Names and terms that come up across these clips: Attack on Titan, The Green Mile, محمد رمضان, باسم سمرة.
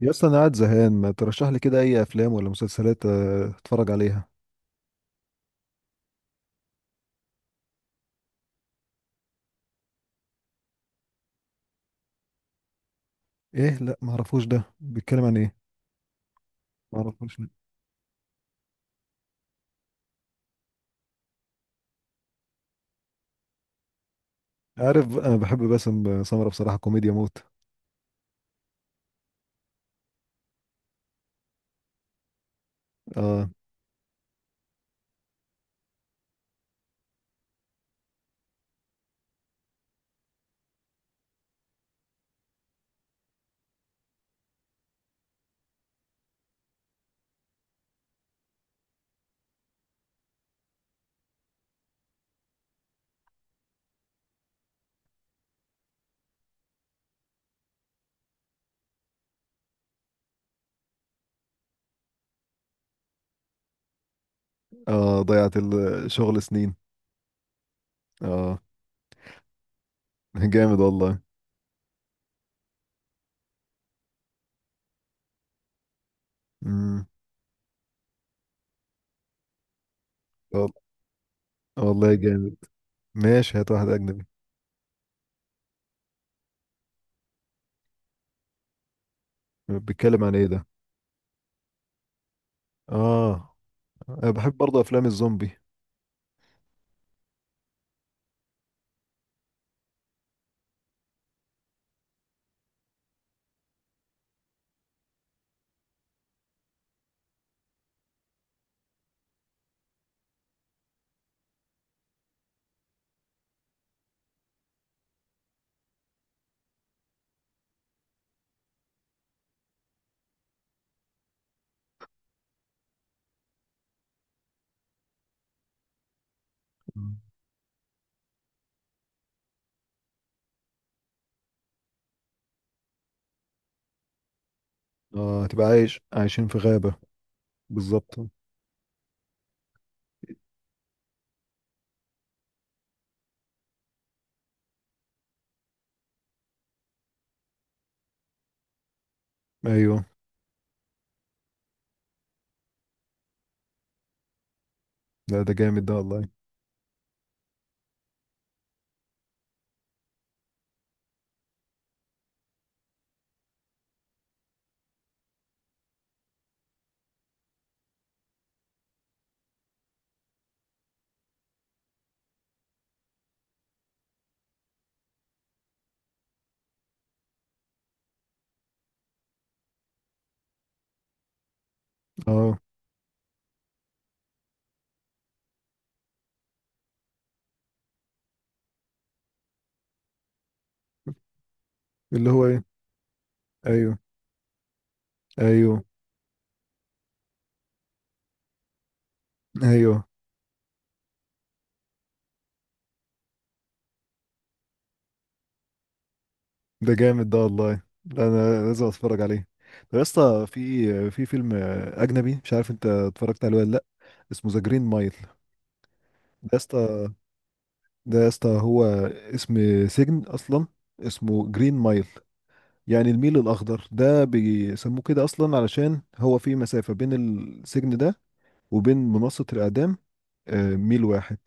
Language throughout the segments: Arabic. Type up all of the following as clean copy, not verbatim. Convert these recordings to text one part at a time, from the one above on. يا اسطى انا قاعد زهقان، ما ترشح لي كده اي افلام ولا مسلسلات؟ اتفرج عليها. ايه، لا ما اعرفوش، ده بيتكلم عن ايه؟ ما اعرفوش لا. عارف انا بحب باسم سمرة بصراحة، كوميديا موت. اه. اه ضيعت الشغل سنين. اه. جامد والله. امم. وال- والله جامد. ماشي، هات واحد اجنبي. بيتكلم عن ايه ده؟ اه انا بحب برضه افلام الزومبي. مم. اه تبقى عايش، عايشين في غابة. بالظبط. ايوه. لا ده جامد ده والله. اه. اللي هو ايه؟ ايوه. ايوه. ايوه. ده جامد ده والله، لا انا لازم اتفرج عليه. طب يا اسطى، في فيلم اجنبي مش عارف انت اتفرجت عليه ولا لا، اسمه ذا جرين مايل. ده يا اسطى، ده يا اسطى هو اسم سجن اصلا، اسمه جرين مايل، يعني الميل الاخضر، ده بيسموه كده اصلا علشان هو في مسافة بين السجن ده وبين منصة الاعدام، ميل واحد،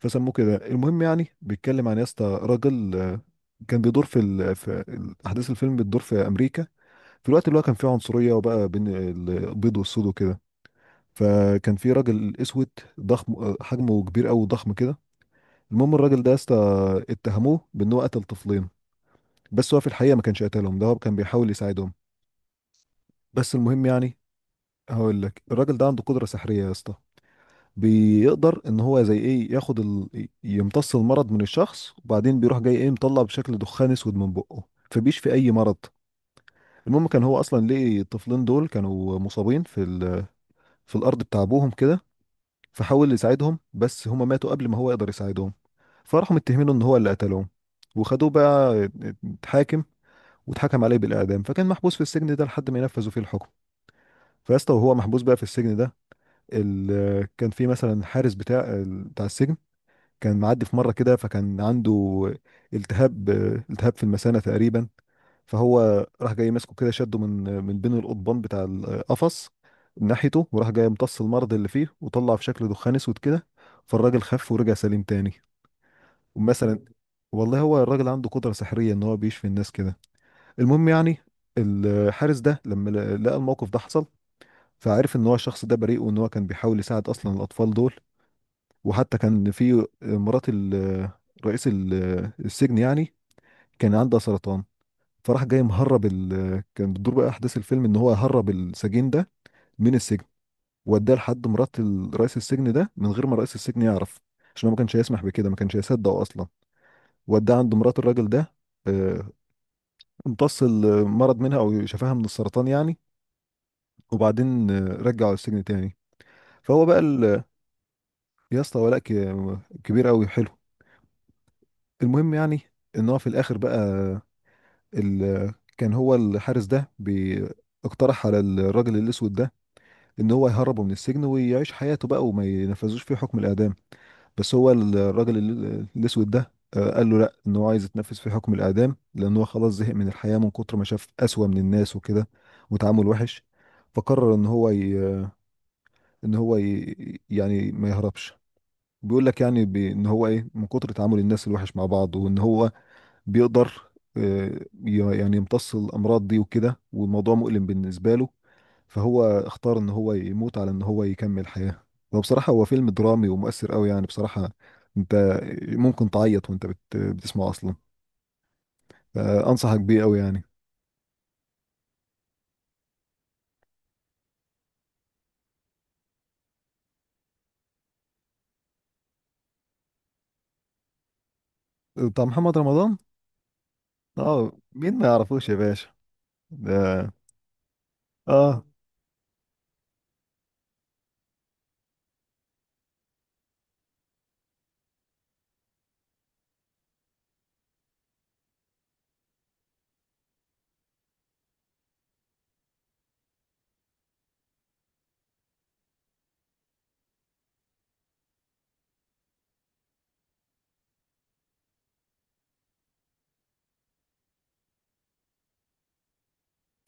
فسموه كده. المهم يعني بيتكلم عن يا اسطى راجل، كان بيدور في احداث الفيلم بتدور في امريكا في الوقت اللي هو كان فيه عنصريه، وبقى بين البيض والسود وكده. فكان في راجل اسود ضخم، حجمه كبير قوي ضخم كده. المهم الراجل ده يا اسطى اتهموه بان هو قتل طفلين، بس هو في الحقيقه ما كانش قتلهم، ده هو كان بيحاول يساعدهم. بس المهم يعني هقول لك، الراجل ده عنده قدره سحريه يا اسطى، بيقدر ان هو زي ايه ياخد ال... يمتص المرض من الشخص، وبعدين بيروح جاي ايه مطلع بشكل دخان اسود من بقه، فبيشفي اي مرض. المهم كان هو اصلا ليه الطفلين دول كانوا مصابين في ال... في الارض بتاع ابوهم كده، فحاول يساعدهم بس هما ماتوا قبل ما هو يقدر يساعدهم، فراحوا متهمينه ان هو اللي قتلهم. وخدوه بقى، اتحاكم واتحكم عليه بالاعدام، فكان محبوس في السجن ده لحد ما ينفذوا فيه الحكم. فيا اسطى وهو محبوس بقى في السجن ده، ال... كان في مثلا الحارس بتاع السجن كان معدي في مرة كده، فكان عنده التهاب، التهاب في المثانة تقريبا. فهو راح جاي ماسكه كده، شده من بين القضبان بتاع القفص ناحيته، وراح جاي امتص المرض اللي فيه وطلع في شكل دخان اسود كده، فالراجل خف ورجع سليم تاني. ومثلا، والله هو الراجل عنده قدرة سحرية ان هو بيشفي الناس كده. المهم يعني الحارس ده لما لقى الموقف ده حصل، فعرف ان هو الشخص ده بريء وان هو كان بيحاول يساعد اصلا الاطفال دول. وحتى كان في مرات رئيس السجن يعني كان عندها سرطان، فراح جاي مهرب ال... كان بتدور بقى احداث الفيلم ان هو هرب السجين ده من السجن، واداه لحد مرات رئيس السجن ده من غير ما رئيس السجن يعرف، عشان هو ما كانش هيسمح بكده، ما كانش هيصدق اصلا. واداه عند مرات الراجل ده، آه، امتص المرض منها او شفاها من السرطان يعني، وبعدين رجعه السجن تاني. فهو بقى ال... يا اسطى ولاء كبير قوي حلو. المهم يعني ان هو في الاخر بقى ال... كان هو الحارس ده بي... اقترح على الراجل الاسود ده ان هو يهربه من السجن ويعيش حياته بقى وما ينفذوش فيه حكم الاعدام. بس هو الراجل الاسود ده قال له لا، ان هو عايز يتنفذ في حكم الاعدام، لان هو خلاص زهق من الحياه من كتر ما شاف اسوأ من الناس وكده وتعامل وحش. فقرر ان هو ي... ان هو ي... يعني ما يهربش. بيقول لك يعني ب... ان هو ايه، من كتر تعامل الناس الوحش مع بعض، وان هو بيقدر آه، يعني يمتص الأمراض دي وكده، والموضوع مؤلم بالنسبة له، فهو اختار إن هو يموت على إن هو يكمل حياة. وبصراحة هو فيلم درامي ومؤثر أوي يعني بصراحة، أنت ممكن تعيط وأنت بتسمعه أصلا. فأنصحك بيه أوي يعني. بتاع محمد رمضان. اه، مين ما يعرفوش يا باشا؟ ده اه.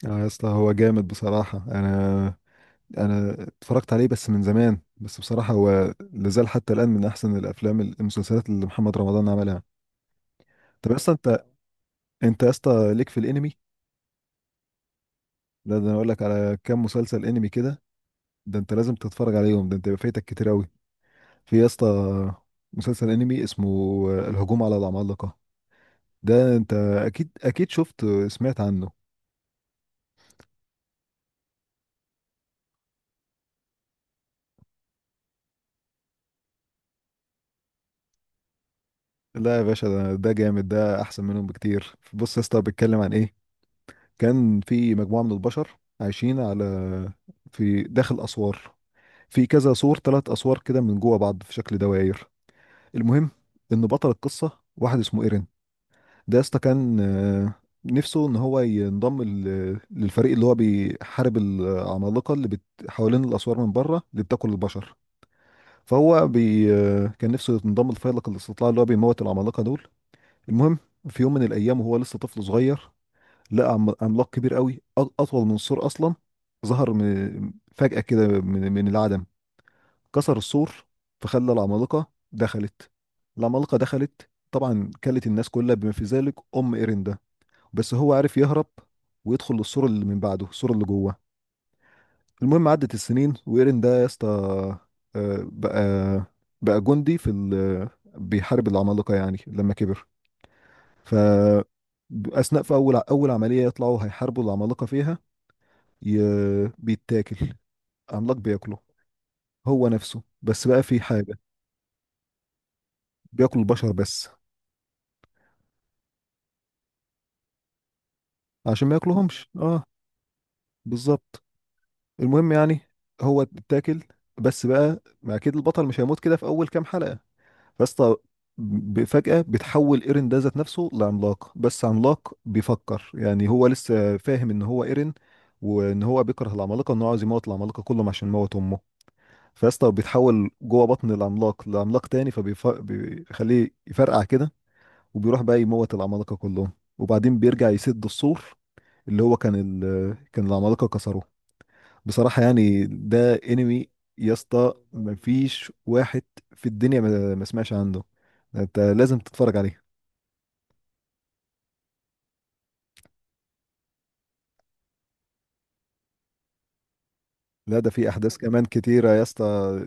اه يا اسطى هو جامد بصراحة، انا، انا اتفرجت عليه بس من زمان، بس بصراحه هو لازال حتى الان من احسن الافلام المسلسلات اللي محمد رمضان عملها. طب اصلا انت، انت يا اسطى ليك في الانمي؟ لا ده انا اقول لك على كام مسلسل انمي كده، ده انت لازم تتفرج عليهم، ده انت يبقى فايتك كتير قوي. في يا اسطى مسلسل انمي اسمه الهجوم على العمالقه، ده انت اكيد اكيد شفت سمعت عنه. لا يا باشا، ده، ده جامد ده، احسن منهم بكتير. بص يا اسطى بيتكلم عن ايه، كان في مجموعة من البشر عايشين على، في داخل أسوار، في كذا سور، ثلاث أسوار كده من جوه بعض في شكل دواير. المهم إن بطل القصة واحد اسمه إيرين، ده يا اسطى كان نفسه إن هو ينضم للفريق اللي هو بيحارب العمالقة اللي بت... حوالين الأسوار من بره اللي بتاكل البشر. فهو بي... كان نفسه ينضم لفيلق الاستطلاع اللي هو بيموت العمالقة دول. المهم في يوم من الأيام وهو لسه طفل صغير، لقى عملاق كبير قوي اطول من السور اصلا، ظهر من فجأة كده من العدم، كسر السور، فخلى العمالقة دخلت. العمالقة دخلت طبعا كلت الناس كلها بما في ذلك ام إرندا، بس هو عارف يهرب ويدخل للسور اللي من بعده السور اللي جوه. المهم عدت السنين وإرندا يا اسطى بقى، بقى جندي في ال... بيحارب العمالقة يعني لما كبر. ف أثناء في أول عملية يطلعوا هيحاربوا العمالقة فيها، ي... بيتاكل، عملاق بياكله. هو نفسه، بس بقى في حاجة، بياكل البشر بس. عشان ما ياكلهمش اه. بالظبط. المهم يعني هو اتاكل، بس بقى ما اكيد البطل مش هيموت كده في اول كام حلقة. بس فجأة بتحول ايرين ده ذات نفسه لعملاق، بس عملاق بيفكر، يعني هو لسه فاهم ان هو ايرين وان هو بيكره العمالقة وان هو عايز يموت العمالقة كلهم عشان موت امه. فيسطا بيتحول جوه بطن العملاق لعملاق تاني فبيخليه يفرقع كده، وبيروح بقى يموت العمالقة كلهم، وبعدين بيرجع يسد السور اللي هو كان ال... كان العمالقة كسروه. بصراحة يعني ده انمي يا اسطى مفيش واحد في الدنيا ما سمعش عنه، ده انت لازم تتفرج عليه. لا ده في احداث كمان كتيرة يا اسطى،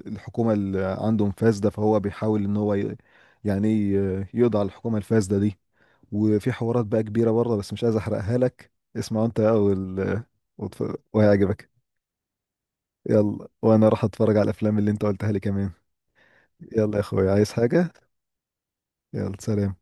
الحكومة اللي عندهم فاسدة، فهو بيحاول ان هو ي... يعني يقضي على الحكومة الفاسدة دي. وفي حوارات بقى كبيرة بره بس مش عايز احرقها لك، اسمع انت بقى وال... وهيعجبك. يلا وانا راح اتفرج على الافلام اللي انت قلتها لي كمان. يلا يا اخويا، عايز حاجة؟ يلا سلام.